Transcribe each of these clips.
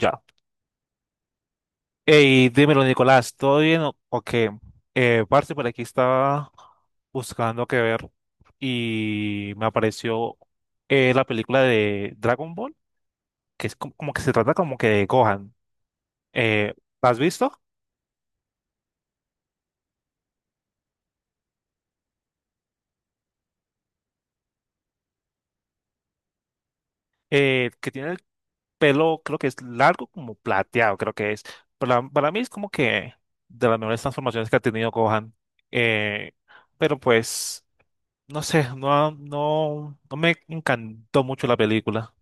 Ya. Ey, dímelo, Nicolás, ¿todo bien o qué? Parce, por aquí estaba buscando qué ver y me apareció la película de Dragon Ball, que es como, como que se trata como que de Gohan. Eh, la has visto? Que tiene el pelo, creo que es largo, como plateado, creo que es. Para mí es como que de las mejores transformaciones que ha tenido Gohan. Eh, pero pues, no sé, no me encantó mucho la película.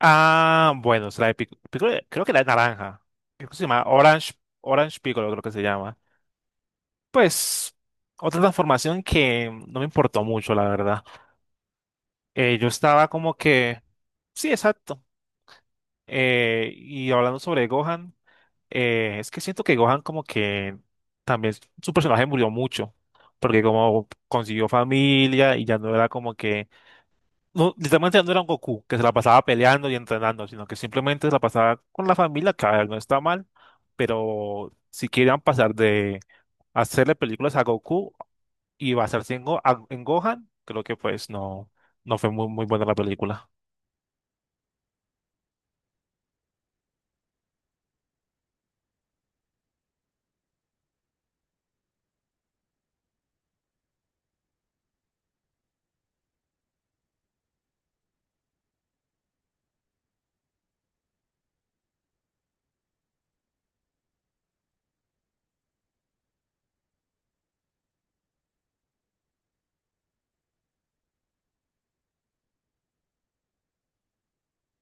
Ah, bueno, es de Piccolo, creo que la de naranja. Creo que se llama Orange, Orange Piccolo, creo que se llama. Pues, otra transformación que no me importó mucho, la verdad. Yo estaba como que, sí, exacto. Y hablando sobre Gohan, es que siento que Gohan como que también su personaje murió mucho, porque como consiguió familia y ya no era como que no, literalmente no era un Goku que se la pasaba peleando y entrenando, sino que simplemente se la pasaba con la familia, que a ver, no está mal, pero si querían pasar de hacerle películas a Goku y basarse en, en Gohan, creo que pues no, no fue muy buena la película.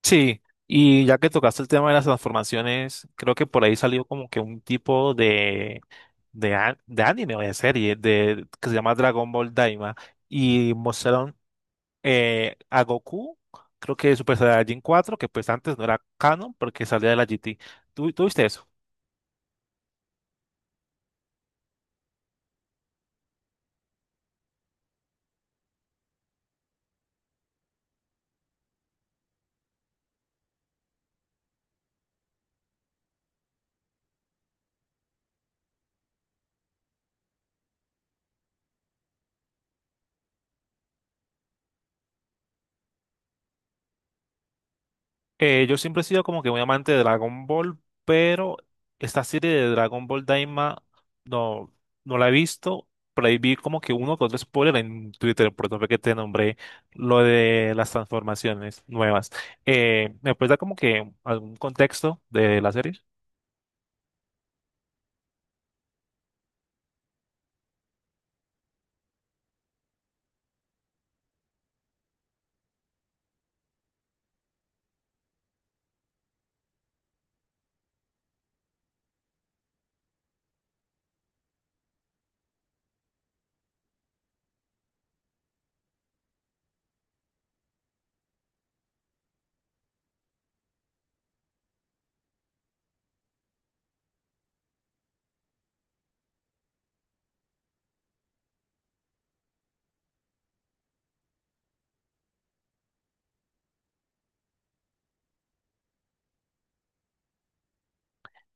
Sí, y ya que tocaste el tema de las transformaciones, creo que por ahí salió como que un tipo de, de anime o de serie de, que se llama Dragon Ball Daima y mostraron a Goku, creo que Super Saiyajin 4, que pues antes no era canon porque salía de la GT. ¿Tú viste eso? Yo siempre he sido como que muy amante de Dragon Ball, pero esta serie de Dragon Ball Daima no, no la he visto. Por ahí vi como que uno con otro spoiler en Twitter, por eso fue que te nombré lo de las transformaciones nuevas. ¿Me puedes dar como que algún contexto de la serie?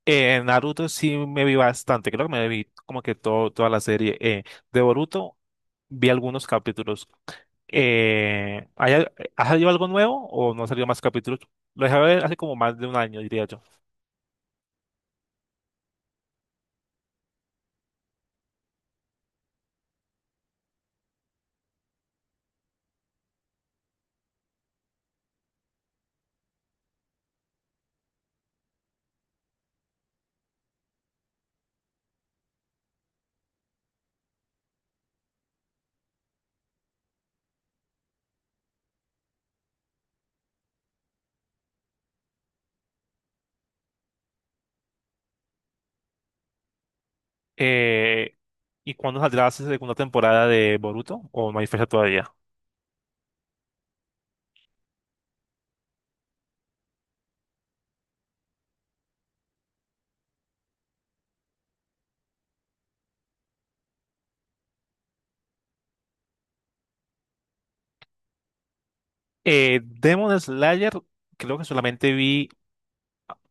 Naruto sí me vi bastante, creo que me vi como que todo, toda la serie. De Boruto vi algunos capítulos. ¿Ha salido algo nuevo o no ha salido más capítulos? Lo dejé ver hace como más de un año, diría yo. Eh, ¿Y cuándo saldrá la segunda temporada de Boruto? ¿O no hay fecha todavía? Demon Slayer, creo que solamente vi,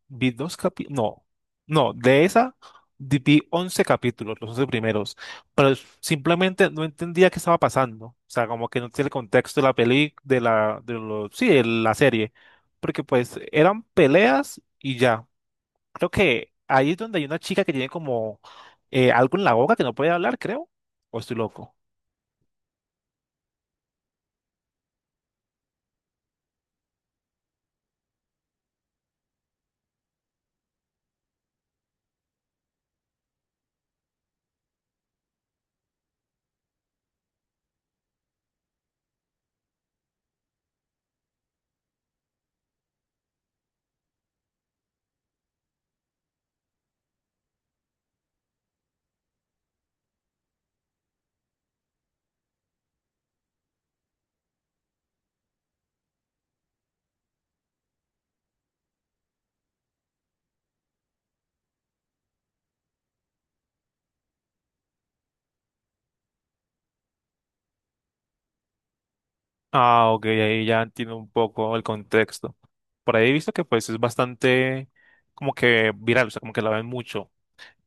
vi dos capítulos, no, no, de esa vi 11 capítulos, los 11 primeros, pero simplemente no entendía qué estaba pasando, o sea, como que no tiene el contexto de la peli, de la, de lo, sí, de la serie, porque pues eran peleas y ya, creo que ahí es donde hay una chica que tiene como algo en la boca que no puede hablar, creo, o estoy loco. Ah, ok, ahí ya entiendo un poco el contexto. Por ahí he visto que pues es bastante como que viral, o sea, como que la ven mucho.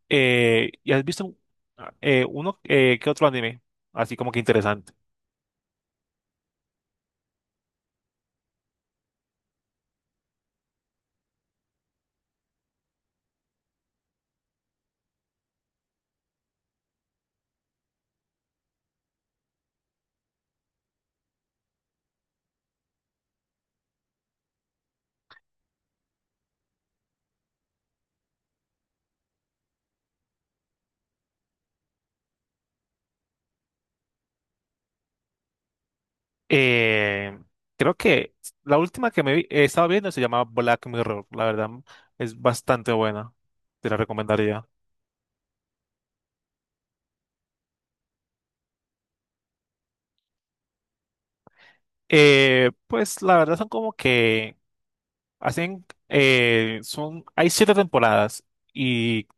¿Y has visto uno que otro anime? Así como que interesante. Eh, Creo que la última que estaba viendo se llama Black Mirror. La verdad es bastante buena. Te la recomendaría. Pues la verdad son como que hacen, son, hay siete temporadas y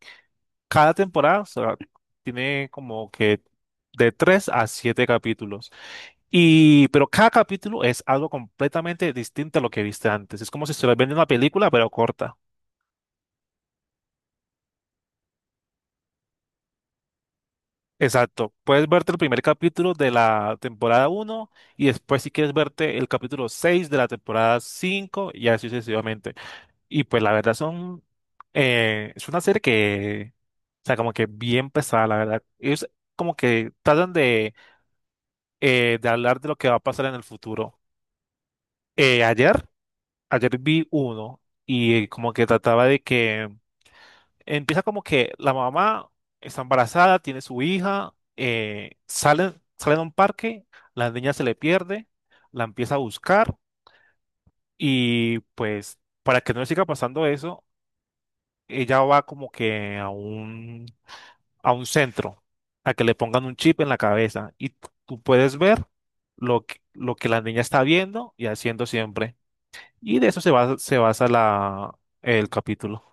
cada temporada, o sea, tiene como que de tres a siete capítulos. Y, pero cada capítulo es algo completamente distinto a lo que viste antes. Es como si estuvieras viendo una película, pero corta. Exacto. Puedes verte el primer capítulo de la temporada uno y después si quieres verte el capítulo 6 de la temporada 5 y así sucesivamente. Y pues la verdad son... es una serie que... O sea, como que bien pesada, la verdad. Ellos como que tratan de hablar de lo que va a pasar en el futuro. Eh, ayer, ayer vi uno y como que trataba de que... empieza como que la mamá está embarazada, tiene su hija, salen a un parque, la niña se le pierde, la empieza a buscar y pues para que no le siga pasando eso, ella va como que a un centro, a que le pongan un chip en la cabeza y tú puedes ver lo que la niña está viendo y haciendo siempre. Y de eso se basa la, el capítulo.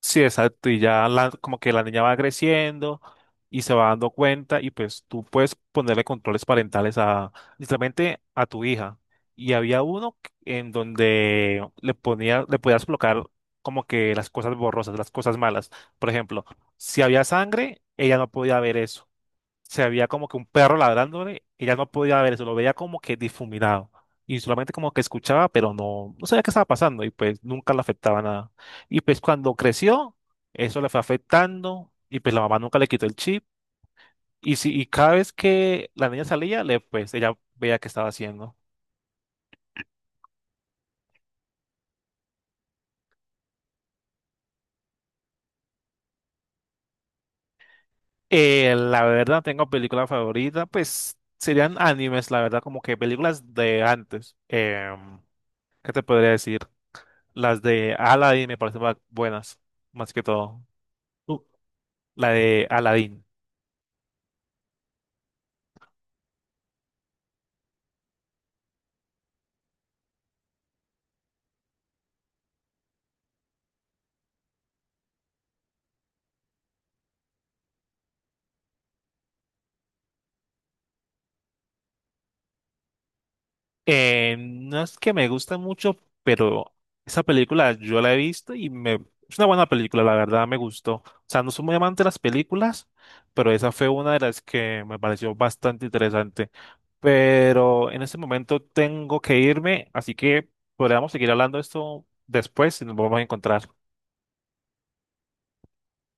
Sí, exacto. Y ya la, como que la niña va creciendo y se va dando cuenta y pues tú puedes ponerle controles parentales a, literalmente, a tu hija. Y había uno que en donde le ponía, le podías bloquear como que las cosas borrosas, las cosas malas. Por ejemplo, si había sangre, ella no podía ver eso, se veía como que un perro ladrándole, ella no podía ver eso, lo veía como que difuminado. Y solamente como que escuchaba, pero no, no sabía qué estaba pasando y pues nunca le afectaba nada. Y pues cuando creció, eso le fue afectando y pues la mamá nunca le quitó el chip. Y, si, y cada vez que la niña salía, le, pues ella veía qué estaba haciendo. La verdad, tengo película favorita, pues serían animes, la verdad, como que películas de antes. Em, ¿qué te podría decir? Las de Aladdin me parecen buenas, más que todo. Uh, la de Aladdin. No es que me gusta mucho, pero esa película yo la he visto y me... Es una buena película, la verdad me gustó. O sea, no soy muy amante de las películas, pero esa fue una de las que me pareció bastante interesante. Pero en este momento tengo que irme, así que podríamos seguir hablando de esto después y nos vamos a encontrar.